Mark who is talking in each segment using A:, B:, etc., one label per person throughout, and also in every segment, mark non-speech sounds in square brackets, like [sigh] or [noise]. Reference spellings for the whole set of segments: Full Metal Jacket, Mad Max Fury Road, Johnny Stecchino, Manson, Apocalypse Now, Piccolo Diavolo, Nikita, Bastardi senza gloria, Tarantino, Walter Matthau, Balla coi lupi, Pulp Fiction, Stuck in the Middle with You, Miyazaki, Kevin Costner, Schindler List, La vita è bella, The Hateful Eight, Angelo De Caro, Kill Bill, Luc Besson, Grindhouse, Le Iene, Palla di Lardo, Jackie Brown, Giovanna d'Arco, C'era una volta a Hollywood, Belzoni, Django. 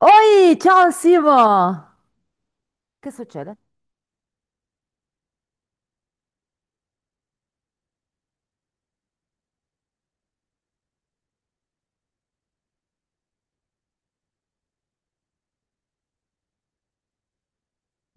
A: Oi, ciao Simo! Che succede?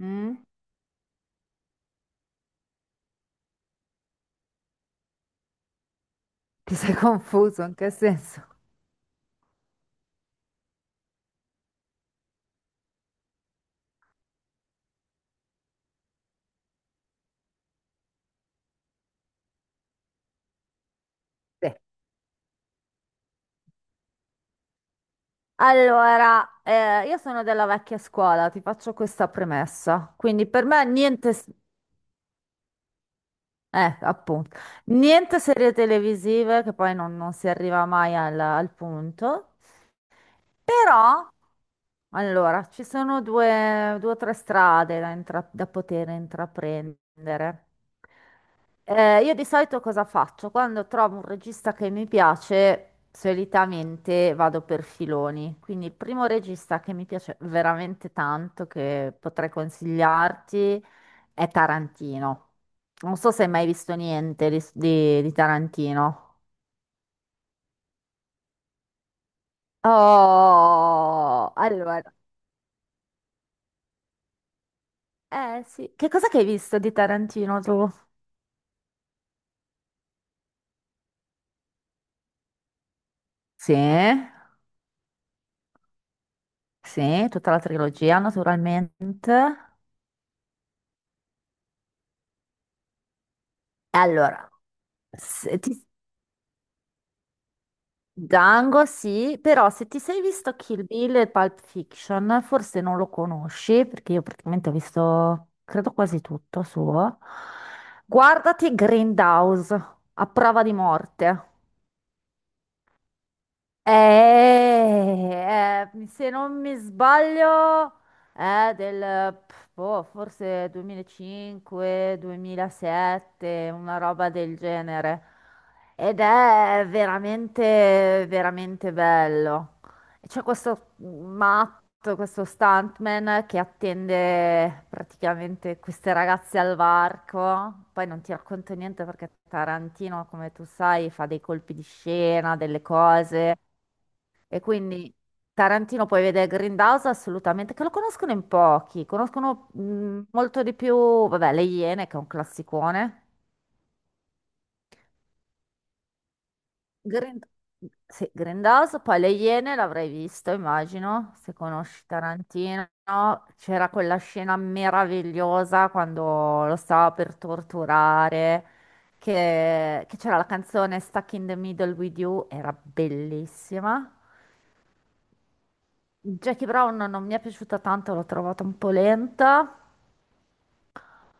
A: Mm? Ti sei [laughs] confuso? In che senso? Sì. Allora, io sono della vecchia scuola, ti faccio questa premessa. Quindi per me niente, appunto, niente serie televisive, che poi non si arriva mai al punto. Però, allora, ci sono due o tre strade da, da poter intraprendere. Io di solito cosa faccio? Quando trovo un regista che mi piace, solitamente vado per filoni. Quindi il primo regista che mi piace veramente tanto, che potrei consigliarti, è Tarantino. Non so se hai mai visto niente di Tarantino. Oh, allora, eh sì. Che cosa che hai visto di Tarantino tu? Sì, sì, tutta la trilogia naturalmente. Allora, se ti- Django sì, però se ti sei visto Kill Bill e Pulp Fiction, forse non lo conosci, perché io praticamente ho visto, credo quasi tutto suo. Guardati Grindhouse, a prova di morte. Se non mi sbaglio, è del pff, boh, forse 2005, 2007, una roba del genere. Ed è veramente, veramente bello. C'è questo matto, questo stuntman che attende praticamente queste ragazze al varco. Poi non ti racconto niente perché Tarantino, come tu sai, fa dei colpi di scena, delle cose. E quindi Tarantino puoi vedere Grindhouse assolutamente, che lo conoscono in pochi, conoscono molto di più, vabbè, Le Iene che è un classicone. Grind- sì, Grindhouse, poi Le Iene l'avrei visto, immagino, se conosci Tarantino. C'era quella scena meravigliosa quando lo stava per torturare, che c'era la canzone Stuck in the Middle with You, era bellissima. Jackie Brown non mi è piaciuta tanto, l'ho trovata un po' lenta.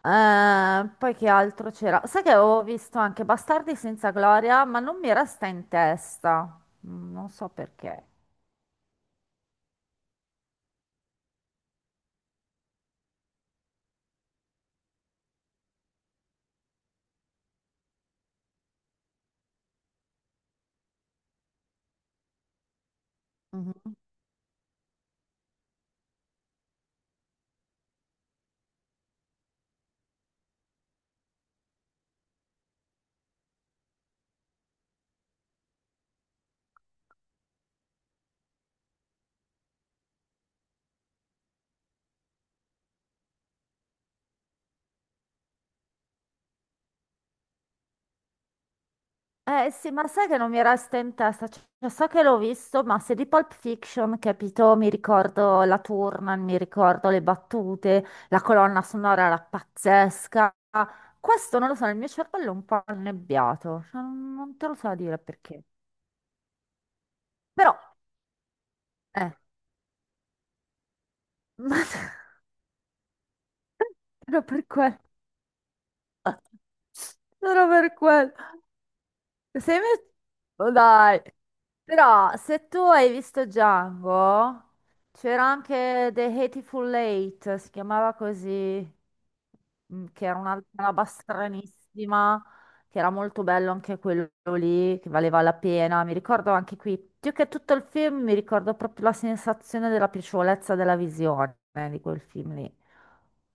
A: Poi che altro c'era? Sai che avevo visto anche Bastardi senza gloria, ma non mi resta in testa. Mm, non so perché. Mhm. Eh sì, ma sai che non mi resta in testa? Cioè, so che l'ho visto, ma se di Pulp Fiction, capito, mi ricordo la Turman, mi ricordo le battute, la colonna sonora era pazzesca. Questo non lo so, il mio cervello è un po' annebbiato, cioè, non te lo so dire perché. Però Eh, ma [laughs] era per quello. Era per quello. Sei messo... Oh, dai. Però se tu hai visto Django, c'era anche The Hateful Eight, si chiamava così, mm, che era una roba stranissima, che era molto bello anche quello lì, che valeva la pena. Mi ricordo anche qui, più che tutto il film, mi ricordo proprio la sensazione della piacevolezza della visione di quel film lì.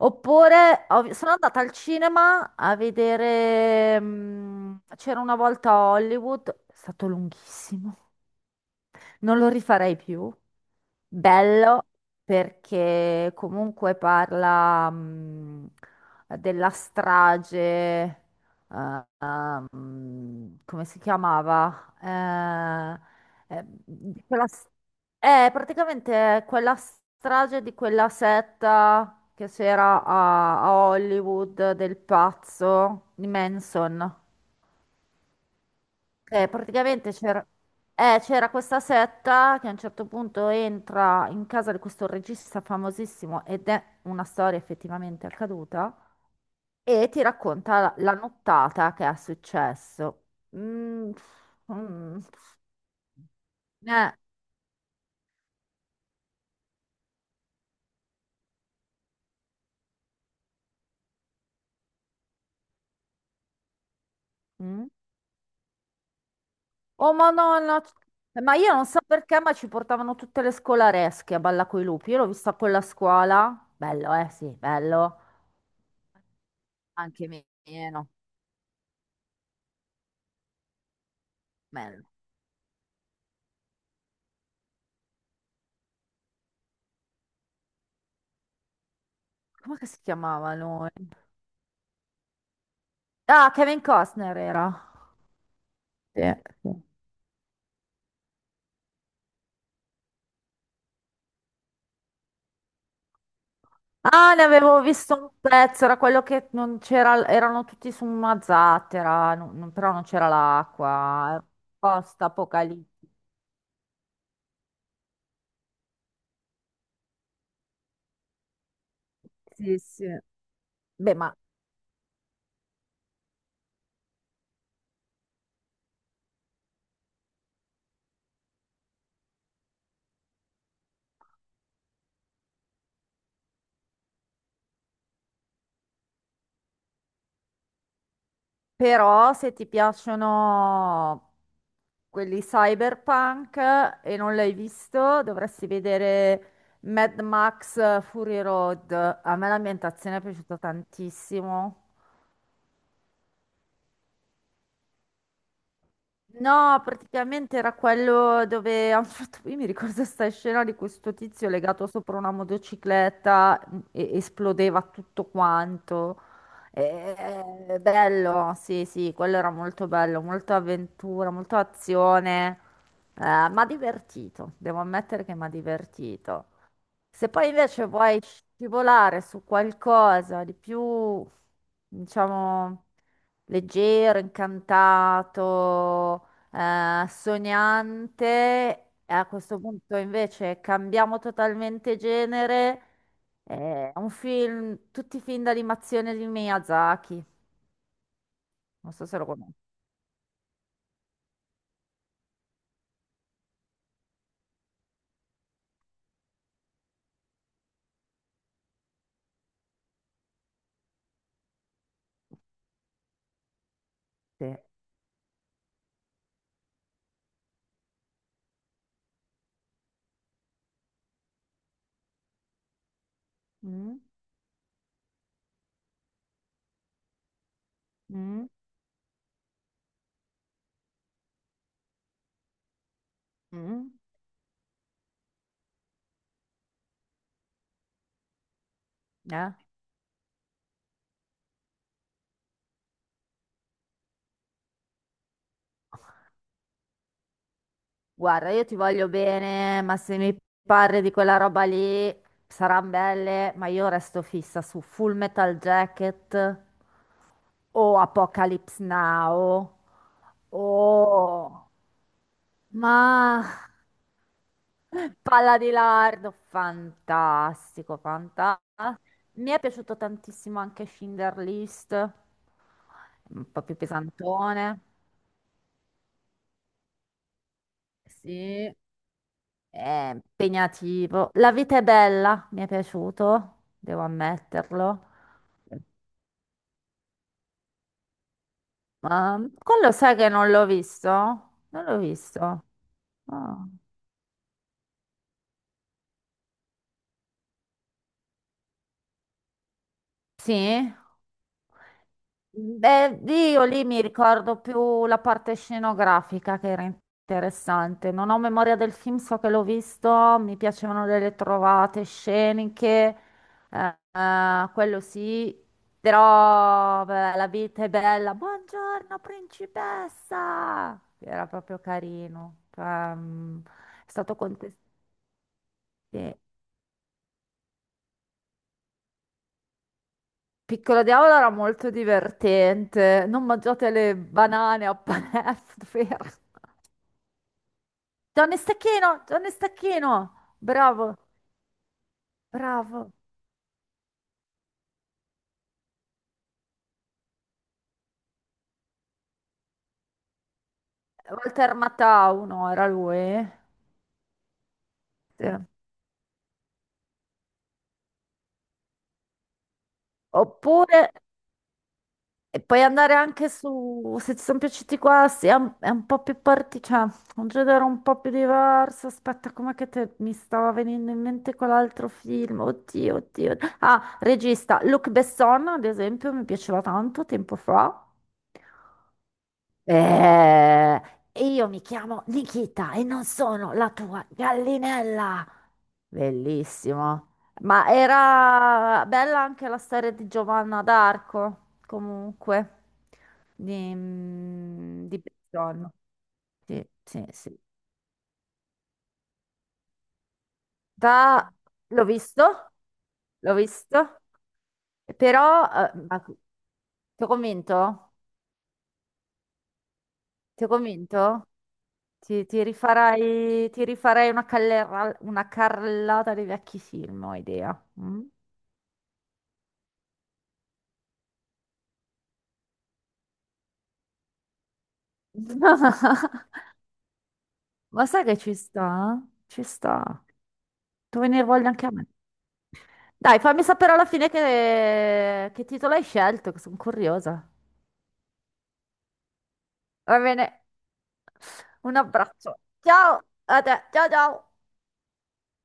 A: Oppure sono andata al cinema a vedere, mm, c'era una volta a Hollywood, è stato lunghissimo. Non lo rifarei più. Bello perché comunque parla della strage, come si chiamava? Eh, eh, di quella s- praticamente è quella strage di quella setta che c'era a Hollywood del pazzo di Manson che praticamente c'era c'era questa setta che a un certo punto entra in casa di questo regista famosissimo ed è una storia effettivamente accaduta e ti racconta la nottata che è successo. Mm, mm, eh, mm. Oh, ma no, no, ma io non so perché, ma ci portavano tutte le scolaresche a Balla coi lupi. Io l'ho vista con la scuola. Bello, eh? Sì, bello. Anche meno. Bello. Come che si chiamava lui? Ah, Kevin Costner era. Sì, sì. Ah, ne avevo visto un pezzo, era quello che non c'era, erano tutti su una zattera, però non c'era l'acqua, era post apocalittico. Sì, sì. Beh, ma però se ti piacciono quelli cyberpunk e non l'hai visto, dovresti vedere Mad Max Fury Road. A me l'ambientazione è piaciuta tantissimo. No, praticamente era quello dove [laughs] hanno fatto, io mi ricordo questa scena di questo tizio legato sopra una motocicletta e esplodeva tutto quanto. E- bello, sì, sì, quello era molto bello, molto avventura, molto azione, mi ha divertito, devo ammettere che mi ha divertito. Se poi invece vuoi scivolare su qualcosa di più, diciamo, leggero, incantato, sognante, a questo punto invece cambiamo totalmente genere. È un film, tutti i film d'animazione di Miyazaki. Non so se lo conosci. Mm? Mm? Mm? Eh? Guarda, io ti voglio bene, ma se mi parli di quella roba lì, saranno belle, ma io resto fissa su Full Metal Jacket o Apocalypse Now o... Ma... Palla di Lardo, fantastico, fantastico. Mi è piaciuto tantissimo anche Schindler List, un po' più pesantone. Sì. È impegnativo. La vita è bella, mi è piaciuto, devo ammetterlo. Ma quello sai che non l'ho visto? Non l'ho visto. Ah. Sì? Beh, io lì mi ricordo più la parte scenografica che era interessante. Non ho memoria del film, so che l'ho visto, mi piacevano delle trovate sceniche, quello sì, però beh, la vita è bella. Buongiorno, principessa! Era proprio carino. È stato contestato. Piccolo Diavolo era molto divertente. Non mangiate le banane a [laughs] Panello, Johnny Stecchino, bravo, bravo. Walter Matthau, no, era lui. Sì. Oppure, e puoi andare anche su, se ti sono piaciuti questi, è un po' più parti, cioè, un genere un po' più diverso. Aspetta, mi stava venendo in mente quell'altro film? Oddio, oddio. Ah, regista, Luc Besson, ad esempio, mi piaceva tanto tempo fa. Eh, e io mi chiamo Nikita e non sono la tua gallinella. Bellissimo. Ma era bella anche la storia di Giovanna d'Arco, comunque, di Belzoni. Sì, sì, sì. Da- L'ho visto, l'ho visto, però... Ti ho convinto? Ti ho convinto? Ti rifarai una, una carrellata dei vecchi film, ho idea. Mm? [laughs] Ma sai che ci sta? Ci sta. Tu venire voglia anche a me. Dai, fammi sapere alla fine che titolo hai scelto, che sono curiosa. Va bene. Un abbraccio. Ciao a te. Ciao ciao.